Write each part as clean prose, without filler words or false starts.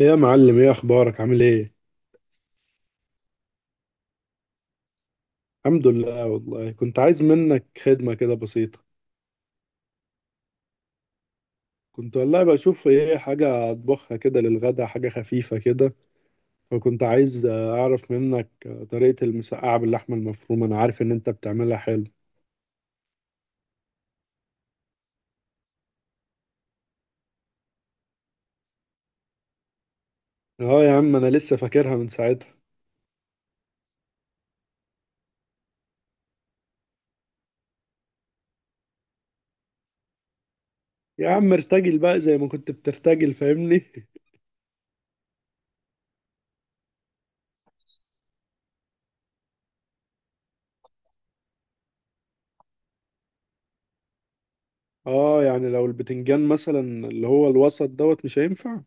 إيه يا معلم، ايه اخبارك، عامل ايه؟ الحمد لله والله، كنت عايز منك خدمة كده بسيطة. كنت والله بشوف ايه، حاجة اطبخها كده للغدا، حاجة خفيفة كده. فكنت عايز اعرف منك طريقة المسقعة باللحمة المفرومة. انا عارف ان انت بتعملها حلو. اه يا عم، انا لسه فاكرها من ساعتها. يا عم ارتجل بقى زي ما كنت بترتجل، فاهمني. اه، يعني لو البتنجان مثلا اللي هو الوسط دوت مش هينفع؟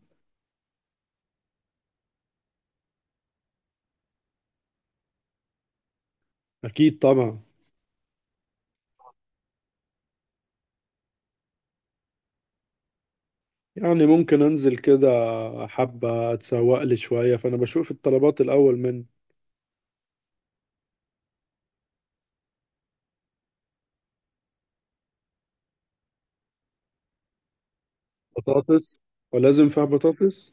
اكيد طبعا. يعني ممكن انزل كده، حبة اتسوق لي شوية، فانا بشوف الطلبات الاول من. بطاطس؟ ولازم فيها بطاطس؟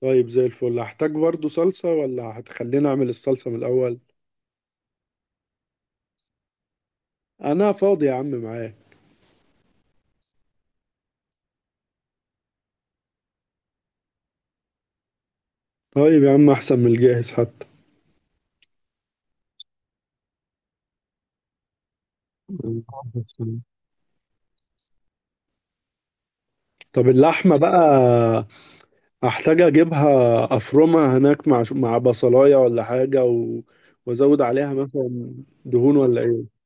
طيب زي الفل. هحتاج برضو صلصة ولا هتخليني اعمل الصلصة من الاول؟ انا فاضي يا عم، معايا. طيب يا عم، احسن من الجاهز حتى. طب اللحمة بقى، هحتاج اجيبها افرمها هناك مع بصلاية ولا حاجة وازود عليها مثلا دهون ولا ايه؟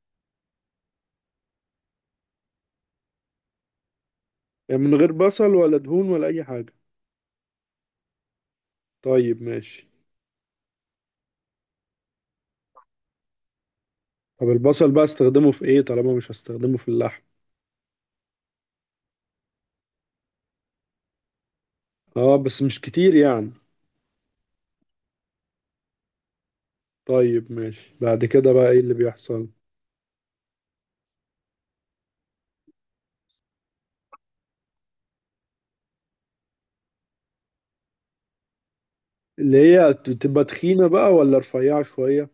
يعني من غير بصل ولا دهون ولا اي حاجة؟ طيب ماشي. طب البصل بقى استخدمه في ايه طالما مش هستخدمه في اللحم؟ اه، بس مش كتير يعني. طيب ماشي. بعد كده بقى ايه اللي بيحصل؟ اللي هي تبقى تخينة بقى ولا رفيعة شوية؟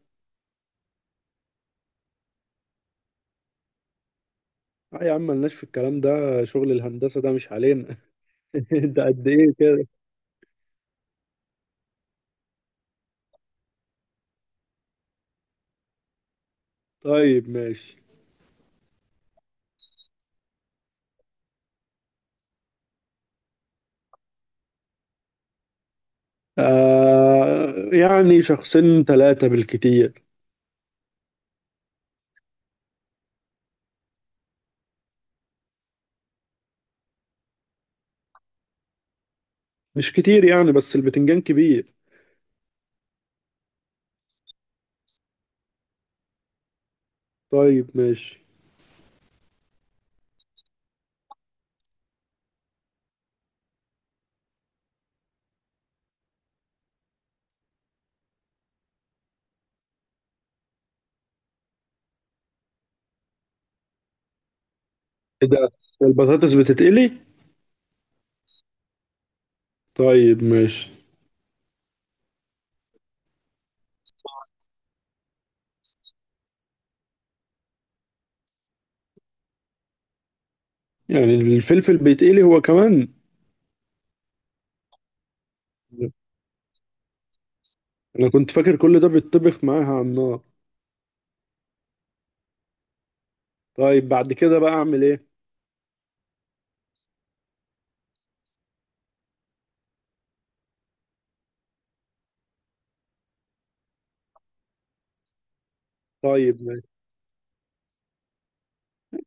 اه يا عم، ملناش في الكلام ده، شغل الهندسة ده مش علينا. ده قد ايه كده؟ طيب ماشي. آه، يعني شخصين ثلاثة بالكتير. مش كتير يعني، بس البتنجان كبير. طيب ماشي. ايه ده؟ البطاطس بتتقلي؟ طيب ماشي. يعني الفلفل بيتقلي هو كمان؟ انا كنت فاكر كل ده بيتطبخ معاها على النار. طيب بعد كده بقى اعمل ايه؟ طيب ماشي.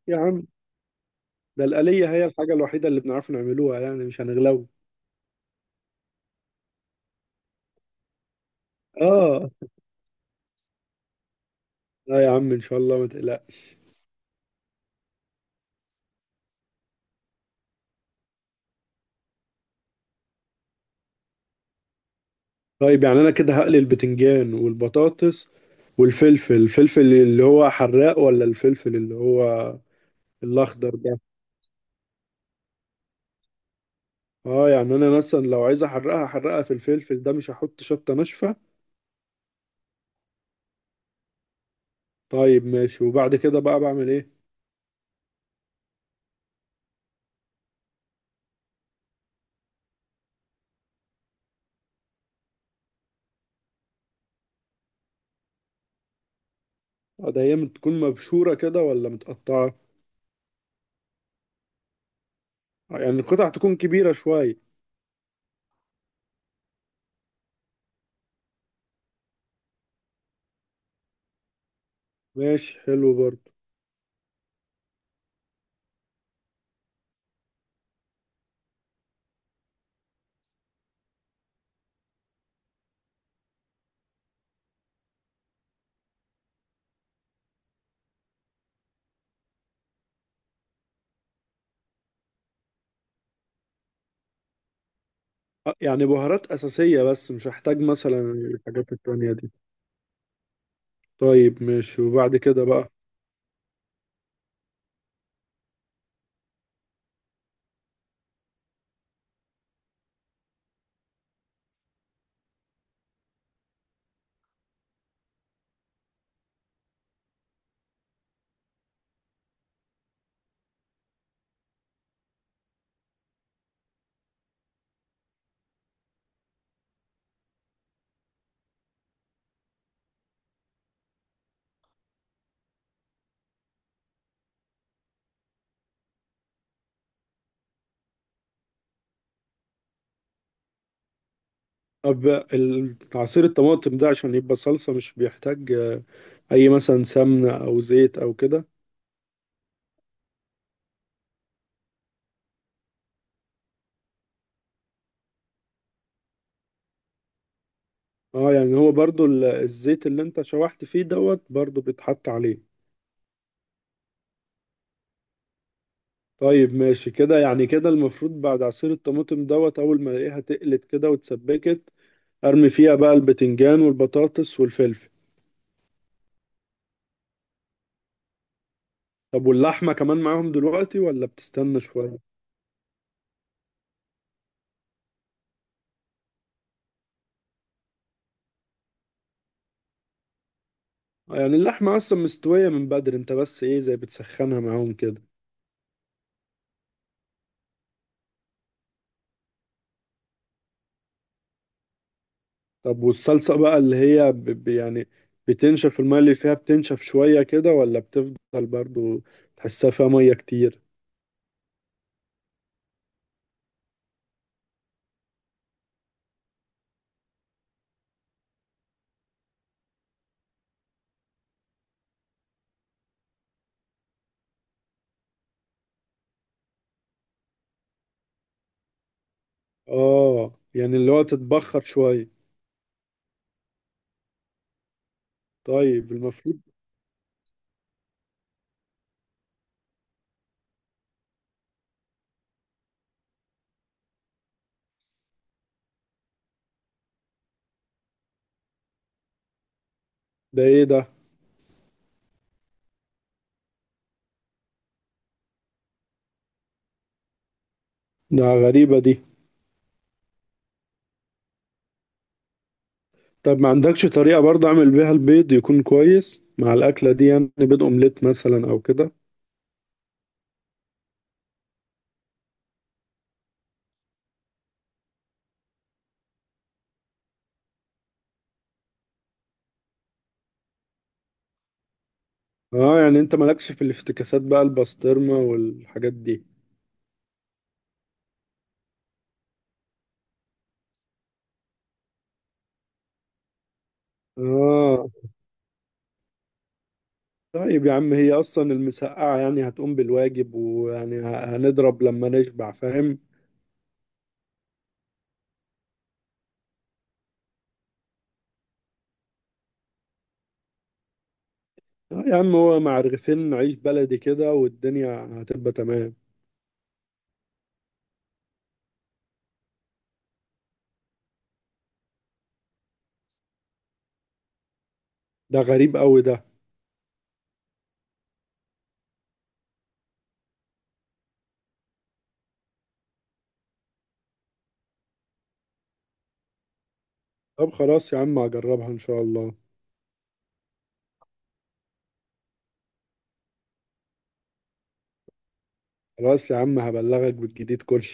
يا عم، ده الآلية هي الحاجة الوحيدة اللي بنعرف نعملوها، يعني مش هنغلو. اه. لا يا عم، ان شاء الله ما تقلقش. طيب يعني انا كده هقلي البتنجان والبطاطس والفلفل. الفلفل اللي هو حراق ولا الفلفل اللي هو الاخضر ده؟ اه، يعني انا مثلا لو عايز احرقها احرقها في الفلفل ده، مش هحط شطة ناشفة؟ طيب ماشي. وبعد كده بقى بعمل ايه؟ ده هي بتكون مبشورة كده ولا متقطعة؟ يعني القطع تكون كبيرة شوية؟ ماشي، حلو برضه. يعني بهارات أساسية بس، مش هحتاج مثلا الحاجات التانية دي؟ طيب ماشي. وبعد كده بقى، طب عصير الطماطم ده عشان يبقى صلصة مش بيحتاج أي مثلا سمنة أو زيت أو كده؟ اه، يعني هو برضه الزيت اللي انت شوحت فيه دوت برضه بيتحط عليه؟ طيب ماشي كده. يعني كده المفروض بعد عصير الطماطم دوت أول ما ألاقيها تقلت كده واتسبكت، أرمي فيها بقى البتنجان والبطاطس والفلفل؟ طب واللحمة كمان معاهم دلوقتي ولا بتستنى شوية؟ يعني اللحمة أصلا مستوية من بدري، أنت بس إيه، زي بتسخنها معاهم كده؟ طب والصلصة بقى اللي هي يعني بتنشف المية اللي فيها، بتنشف شوية كده ولا بتفضل برضو تحسها فيها مية كتير؟ آه، يعني اللي هو تتبخر شوية. طيب، المفروض. ده إيه ده؟ ده غريبة دي. طب ما عندكش طريقة برضه أعمل بيها البيض يكون كويس مع الأكلة دي؟ يعني بيض أومليت مثلا أو كده؟ اه، يعني انت مالكش في الافتكاسات بقى، البسطرمة والحاجات دي؟ اه. طيب يا عم، هي اصلا المسقعة يعني هتقوم بالواجب، ويعني هنضرب لما نشبع، فاهم؟ اه يا عم، هو مع رغيفين عيش بلدي كده والدنيا هتبقى تمام. ده غريب قوي ده. طب خلاص يا عم، هجربها ان شاء الله. خلاص يا عم، هبلغك بالجديد كله.